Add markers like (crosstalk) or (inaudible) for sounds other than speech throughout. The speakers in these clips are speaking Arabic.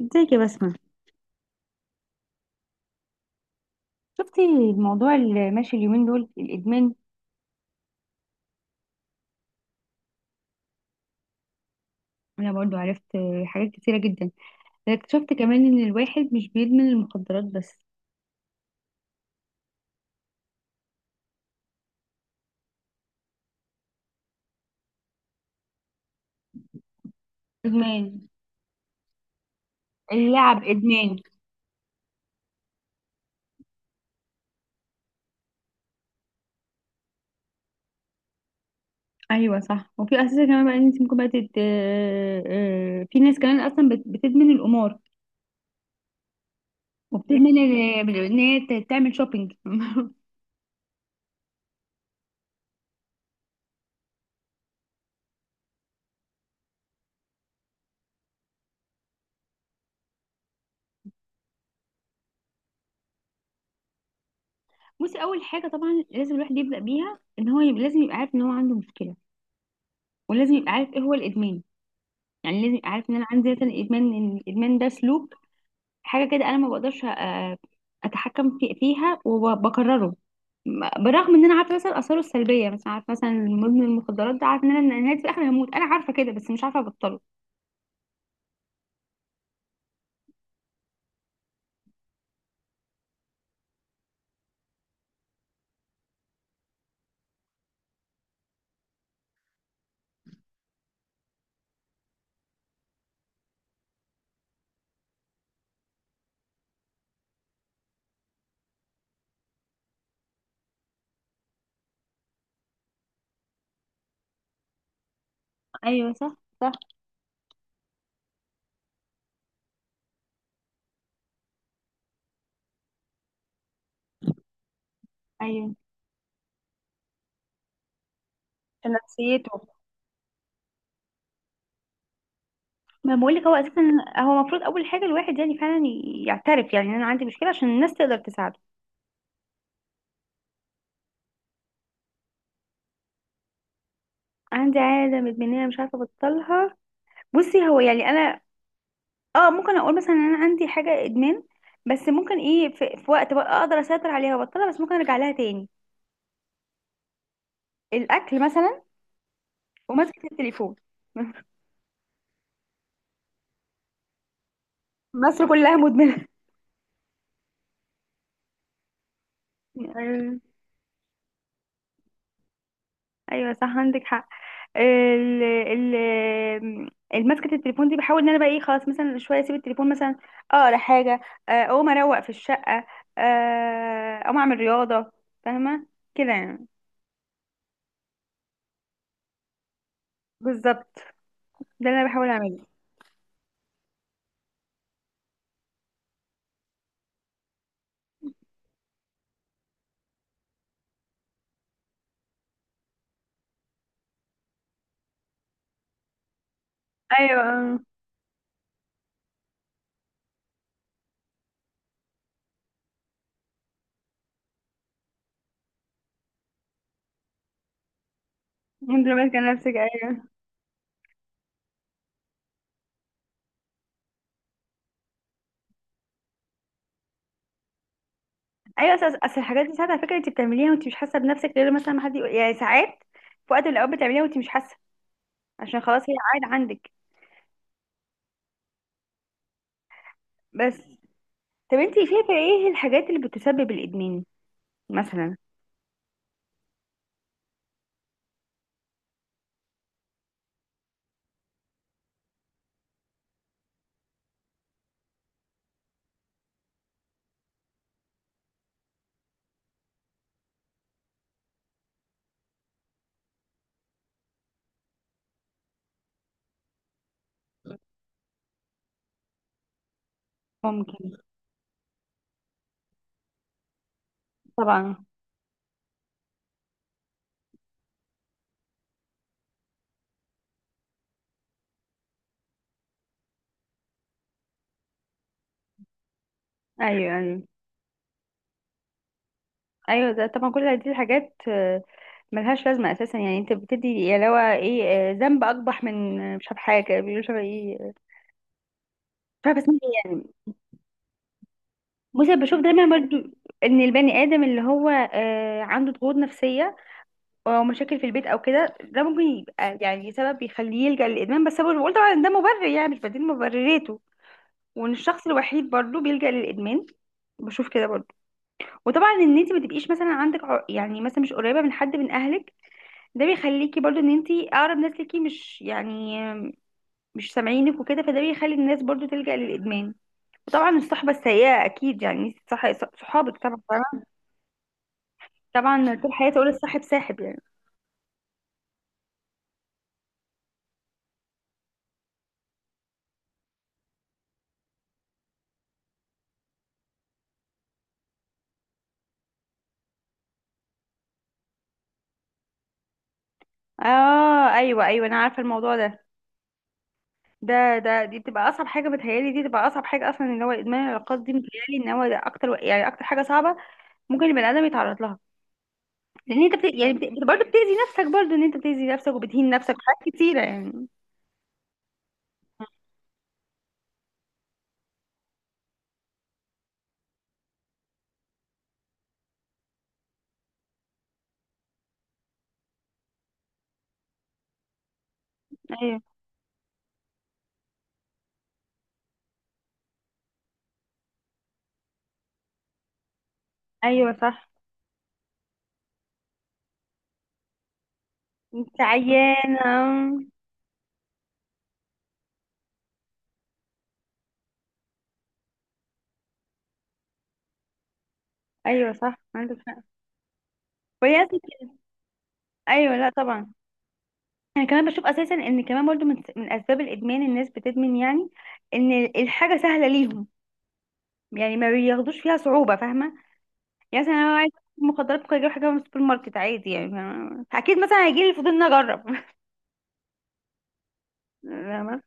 ازيك يا بسمة؟ شفتي الموضوع اللي ماشي اليومين دول، الإدمان؟ أنا برضو عرفت حاجات كتيرة جدا. اكتشفت كمان إن الواحد مش بيدمن المخدرات بس. إدمان اللعب إدمان. أيوة صح. وفي أساسا كمان بقى إن أنت ممكن بقى تت... آه، آه، في ناس كمان أصلا بتدمن القمار، وبتدمن إن هي تعمل شوبينج. (laughs) بصي، أول حاجة طبعا لازم الواحد يبدأ بيها إن هو يبقى، لازم يبقى عارف إن هو عنده مشكلة، ولازم يبقى عارف إيه هو الإدمان. يعني لازم يبقى عارف ان انا عندي مثلا ادمان، ان الادمان ده سلوك، حاجة كده أنا ما بقدرش أتحكم فيها وبكرره. بالرغم إن أنا عارفة مثلا آثاره السلبية، مثلا عارفة مثلا مدمن المخدرات ده، عارفة إن أنا نهاية في الآخر هموت، أنا عارفة كده بس مش عارفة أبطله. ايوه صح، صح. أيوه. في نفسيته. ما بقولك هو أساسا، هو المفروض أول حاجة الواحد يعني فعلا يعترف، يعني إن أنا عندي مشكلة عشان الناس تقدر تساعده. عندي عادة مدمنية مش عارفة أبطلها. بصي هو يعني أنا، اه ممكن اقول مثلا ان انا عندي حاجه ادمان، بس ممكن ايه، في وقت بقى اقدر اسيطر عليها وابطلها، بس ممكن ارجع لها تاني. الاكل مثلا، ومسكه التليفون. (laughs) مصر كلها مدمنه. ايوه. أيوة صح عندك حق. ال ال المسكة التليفون دي بحاول ان انا بقى ايه، خلاص مثلا شويه اسيب التليفون مثلا، اقرا حاجه، اقوم اروق في الشقه، آه، اقوم اعمل رياضه، فاهمه، كده يعني. بالظبط، ده اللي انا بحاول اعمله. ايوه، انت لو ماسكه نفسك. ايوه، اصل أصل الحاجات دي ساعات على فكره انت بتعمليها وانت مش حاسه بنفسك، غير مثلا ما حد يقول، يعني ساعات في وقت من الاوقات بتعمليها وانت مش حاسه، عشان خلاص هي عاد عندك. بس. طب انت شايفه ايه الحاجات اللي بتسبب الادمان مثلا؟ ممكن، طبعا. ايوه، ايوه. ايوه ده طبعا كل دي الحاجات ملهاش لازمه اساسا، يعني انت بتدي يا لو ايه، ذنب اقبح من مش عارف حاجه بيقولوا شبه ايه، مش عارفه اسمها ايه يعني. بصي أنا بشوف دايما برضو ان البني ادم اللي هو عنده ضغوط نفسيه او مشاكل في البيت او كده، ده ممكن يبقى يعني سبب بيخليه يلجأ للادمان، بس أنا بقول طبعا إن ده مبرر يعني، مش بديل مبرراته، وان الشخص الوحيد برضه بيلجأ للادمان. بشوف كده برضه. وطبعا ان انت ما تبقيش مثلا عندك يعني مثلا مش قريبه من حد من اهلك، ده بيخليكي برضه ان انت اقرب ناس ليكي مش يعني، مش سامعينك وكده، فده بيخلي الناس برضه تلجأ للادمان. وطبعا الصحبه السيئه اكيد يعني، انت صح، صحابك طبعا، طبعا. طبعاً طول حياتي اقول الصاحب ساحب يعني. اه، ايوه، ايوه انا عارفه الموضوع ده. دي بتبقى اصعب حاجه، بتهيالي دي بتبقى اصعب حاجه اصلا اللي هو ادمان العلاقات دي، متهيالي ان هو ده اكتر، يعني اكتر حاجه صعبه ممكن البني ادم يتعرض لها، لان انت برضه بتاذي نفسك، برضه ان انت بتاذي نفسك وبتهين نفسك في حاجات كتيره يعني. ايوه، ايوه صح. انت عيانه. ايوه صح عندك حق. وهي أصلاً- ايوه، لا طبعا. انا كمان بشوف اساسا ان كمان برضه من اسباب الادمان الناس بتدمن يعني ان الحاجه سهله ليهم، يعني ما بياخدوش فيها صعوبه، فاهمه، يعني مثلا انا عايز مخدرات، ممكن اجيب حاجه من السوبر ماركت عادي يعني، فاهمة؟ اكيد مثلا هيجي لي فضول اني اجرب. (laughs) فاهمة؟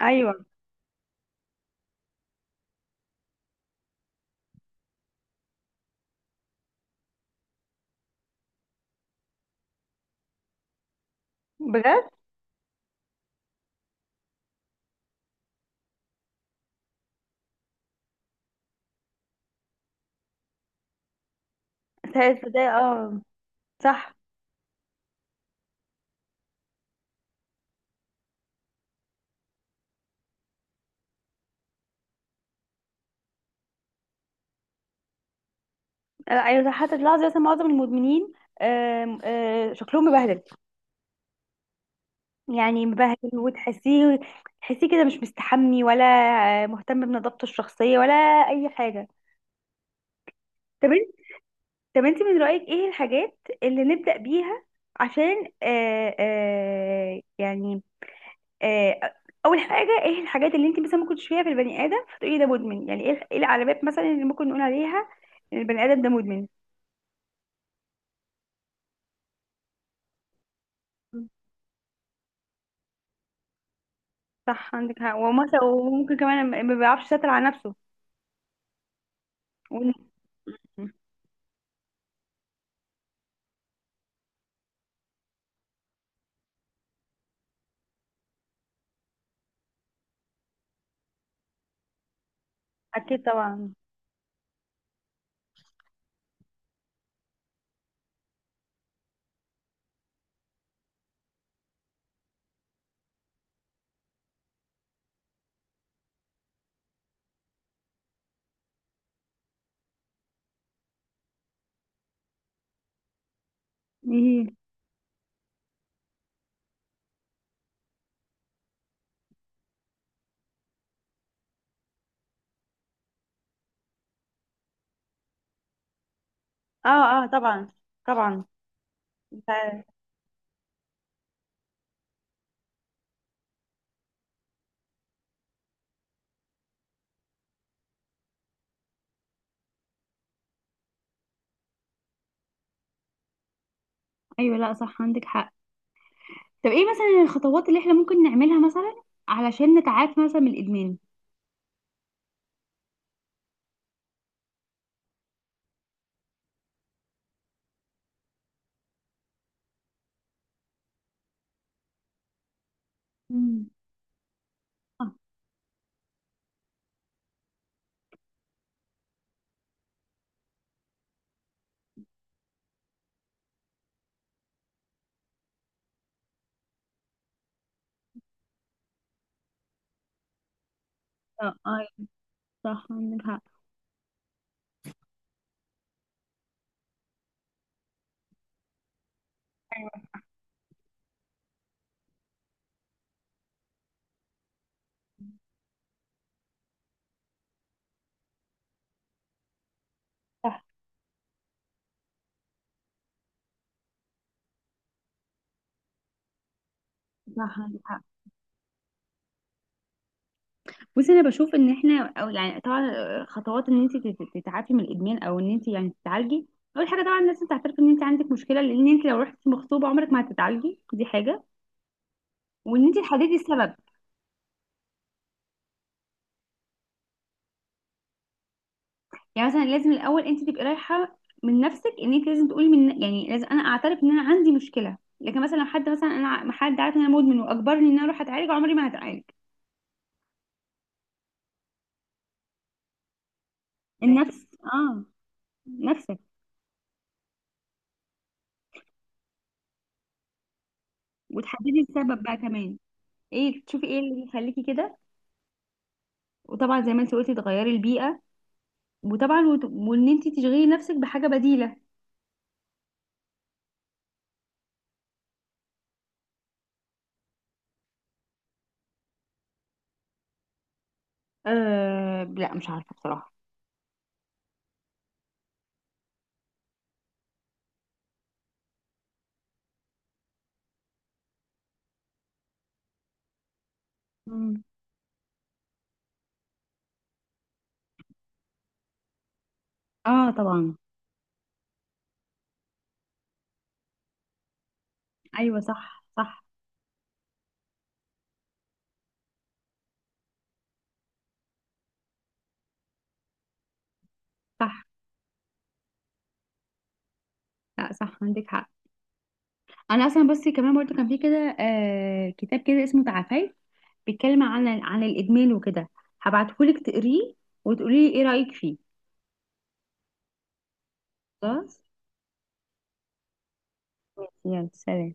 ايوه بجد. ساعات ده اه، صح. لا، ايوه صح، حتى تلاحظي مثلا معظم المدمنين آم، آه، شكلهم مبهدل، يعني مبهدل، وتحسيه، تحسيه كده مش مستحمي، ولا مهتم بنظافته الشخصيه، ولا اي حاجه. طب انت، طب انت من رايك ايه الحاجات اللي نبدا بيها عشان يعني، آه، اول حاجه ايه الحاجات اللي انت مثلا ممكن تشوفيها في البني ادم فتقولي ده مدمن، يعني ايه إيه العلامات مثلا اللي ممكن نقول عليها ان البني ادم ده مدمن؟ صح عندك حق، ومثلا وممكن كمان ما بيعرفش يسيطر على نفسه. ون- اكيد طبعا. ايه، اه، اه طبعا، طبعا. ف- ايوه لا صح عندك حق. طب ايه مثلا الخطوات اللي احنا ممكن نعملها مثلا علشان نتعافى مثلا من الادمان؟ مم. اه، ايوه صح عندك حق. صح، صح عندك حق. بصي انا بشوف ان احنا او يعني طبعا خطوات ان انت تتعافي من الادمان او ان انت يعني تتعالجي، اول حاجه طبعا لازم تعترفي ان انت عندك مشكله، لان انت لو رحتي مغصوبه عمرك ما هتتعالجي، دي حاجه، وان انت تحددي السبب. يعني مثلا لازم الاول انت تبقي رايحه من نفسك، ان انت لازم تقولي من، يعني لازم انا اعترف ان انا عندي مشكله، لكن مثلا لو حد مثلا انا حد عارف ان انا مدمن واجبرني ان انا اروح اتعالج، عمري ما هتعالج. النفس، اه، نفسك. وتحددي السبب بقى كمان، ايه تشوفي ايه اللي يخليكي كده، وطبعا زي ما انت قلتي تغيري البيئه، وطبعا وان انت تشغلي نفسك بحاجه بديله. أه لا مش عارفة بصراحة. مم. اه طبعا. ايوه صح، صح. صح، لا صح عندك حق. انا اصلا بس كمان برضو كان في كده كتاب كده اسمه تعافي، بيتكلم عن عن الادمان وكده، هبعتهولك تقريه وتقولي لي ايه رايك فيه. خلاص، يلا سلام.